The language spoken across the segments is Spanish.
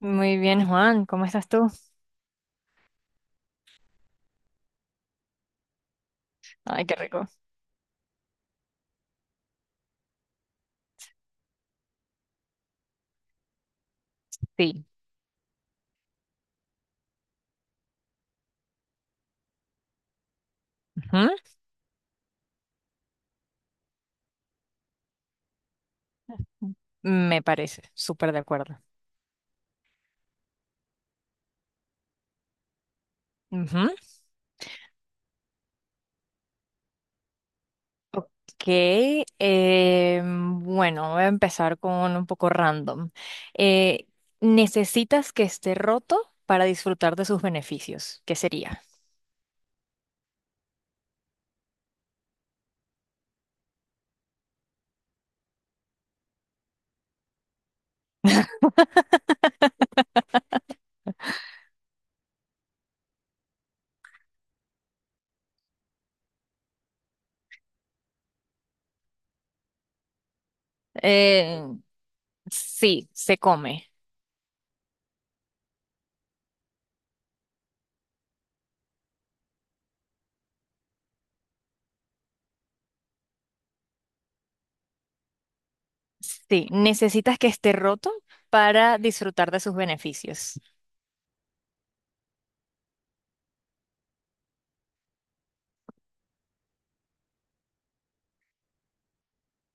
Muy bien, Juan, ¿cómo estás tú? Ay, qué rico. Sí, ujú. Me parece, súper de acuerdo. Ujú. Ok, bueno, voy a empezar con un poco random. Eh, ¿Necesitas que esté roto para disfrutar de sus beneficios? ¿Qué sería? Eh, sí, se come. Sí, necesitas que esté roto para disfrutar de sus beneficios.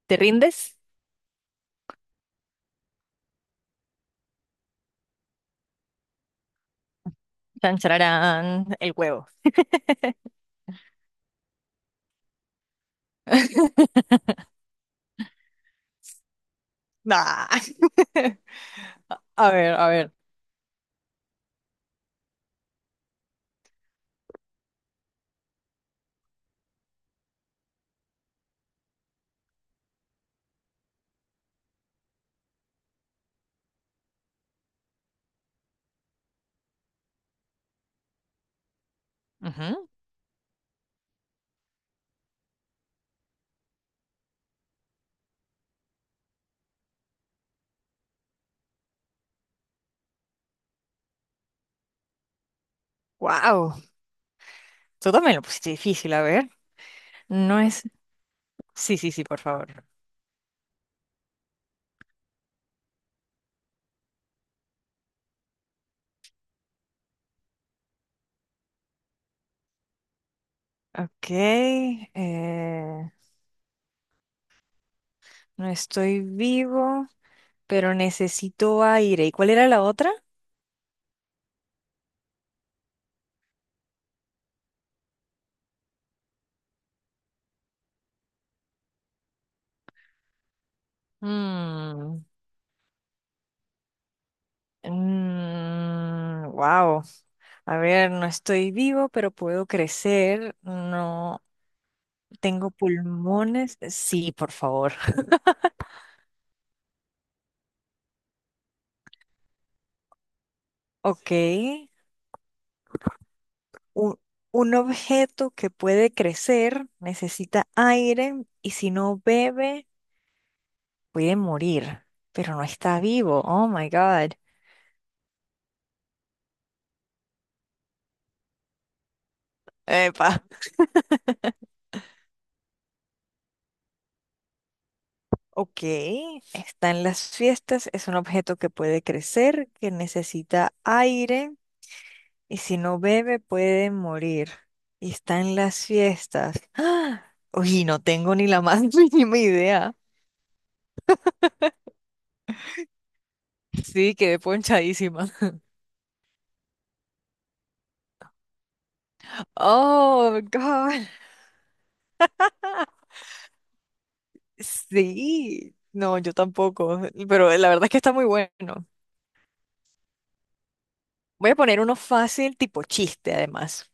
¿Te rindes? Tan, chararán, el huevo. Nah. A ver, a ver. Wow. Tú también lo pusiste difícil, a ver. No es. Sí, sí, sí, por favor. Ok. No estoy vivo, pero necesito aire. ¿Y cuál era la otra? Mm, mm, wow. A ver, no estoy vivo, pero puedo crecer. No tengo pulmones. Sí, por favor. Ok. un, un objeto que puede crecer, necesita aire y si no bebe puede morir, pero no está vivo. Oh my God. Epa. Ok, está en las fiestas, es un objeto que puede crecer, que necesita aire y si no bebe puede morir. Y está en las fiestas. ¡Ah! Uy, no tengo ni la más mínima idea. Sí, quedé ponchadísima. Oh, God. Sí, no, yo tampoco, pero la verdad es que está muy bueno. Voy a poner uno fácil, tipo chiste, además.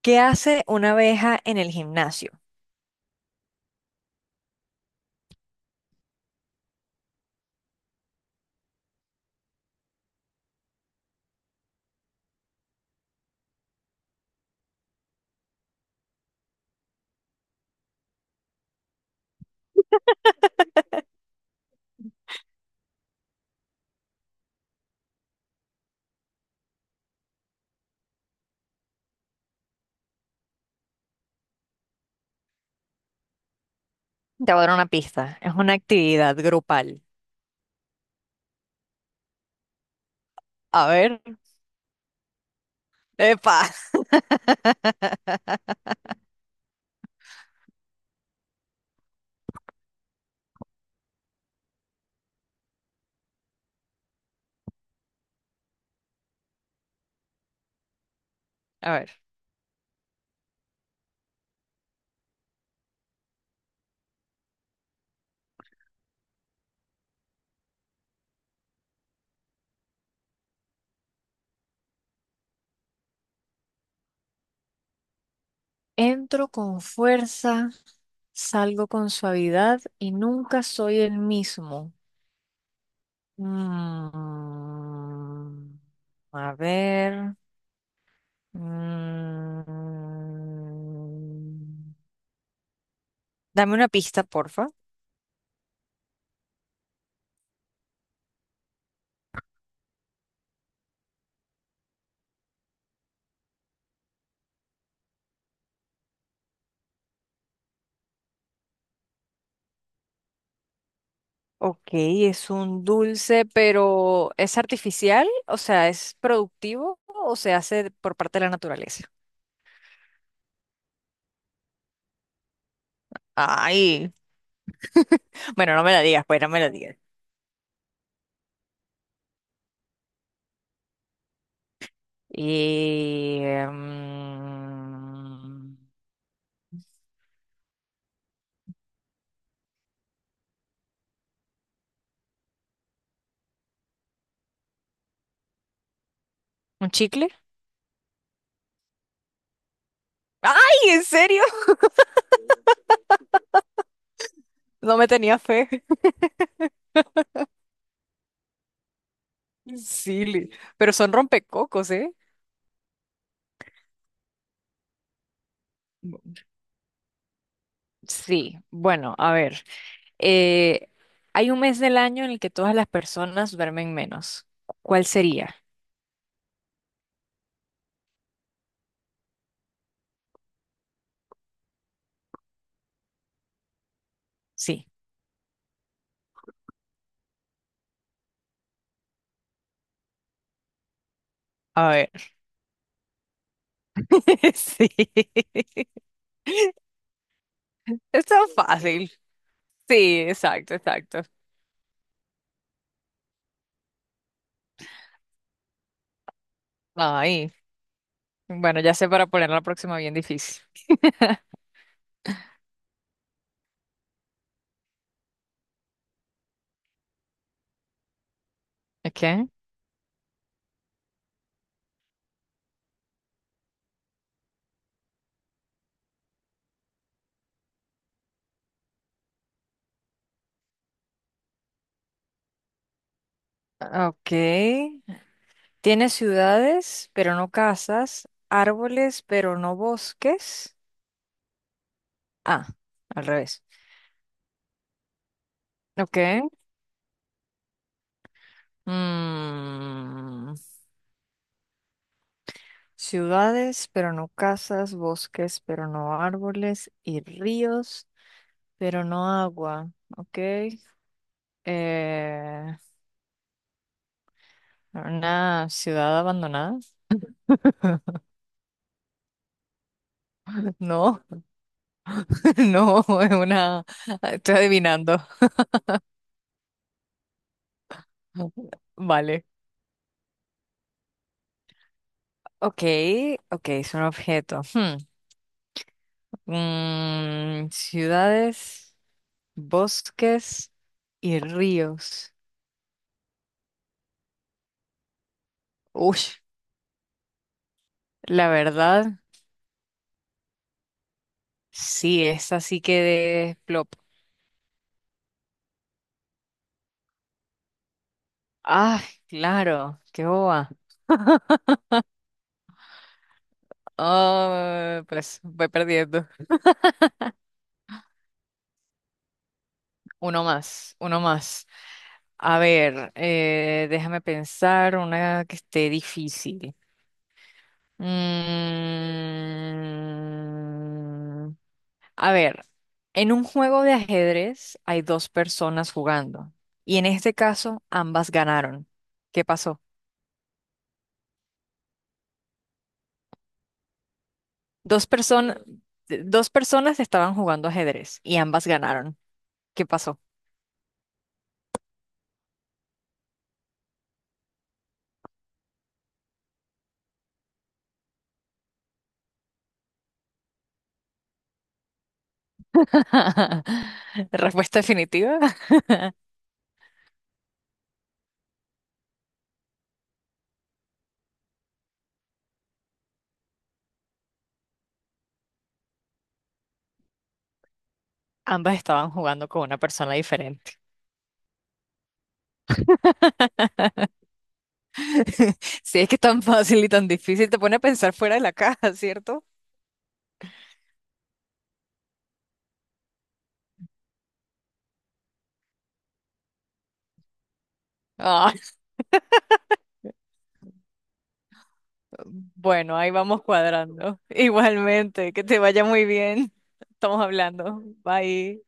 ¿Qué hace una abeja en el gimnasio? Te voy a dar una pista. Es una actividad grupal. A ver. ¡Epa! A ver. Entro con fuerza, salgo con suavidad y nunca soy el mismo. Mm, a ver. Mm, dame una pista, porfa. Ok, es un dulce, pero ¿es artificial? O sea, ¿es productivo o se hace por parte de la naturaleza? Ay, bueno, no me la digas, pues no me la digas. Y, mm, ¿un chicle? ¡Ay, en serio! No me tenía fe. Sí, pero son rompecocos, ¿eh? Bu- Sí, bueno, a ver. Eh, hay un mes del año en el que todas las personas duermen menos. ¿Cuál sería? Sí. A ver. Sí. Está fácil. Sí, exacto, exacto. Ay. Bueno, ya sé para poner la próxima bien difícil. Ok. Ok. Tiene ciudades, pero no casas, árboles, pero no bosques. Ah, al revés. Ok. Mm. Ciudades, pero no casas, bosques, pero no árboles, y ríos, pero no agua. Ok. Eh, una ciudad abandonada. No, no, es una. Estoy adivinando. Vale. Ok, ok, es un objeto. Hmm, mm, ciudades, bosques y ríos. Uy, la verdad, sí, es así que ah, claro, qué boba. Ah, pues voy perdiendo. Uno más, uno más. A ver, déjame pensar una que esté difícil. Mm, a ver, en un juego de ajedrez hay dos personas jugando y en este caso ambas ganaron. ¿Qué pasó? Dos personas, dos personas estaban jugando ajedrez y ambas ganaron. ¿Qué pasó? Respuesta definitiva. Ambas estaban jugando con una persona diferente. Si es que es tan fácil y tan difícil, te pone a pensar fuera de la caja, ¿cierto? Ah, bueno, ahí vamos cuadrando. Igualmente, que te vaya muy bien. Estamos hablando. Bye.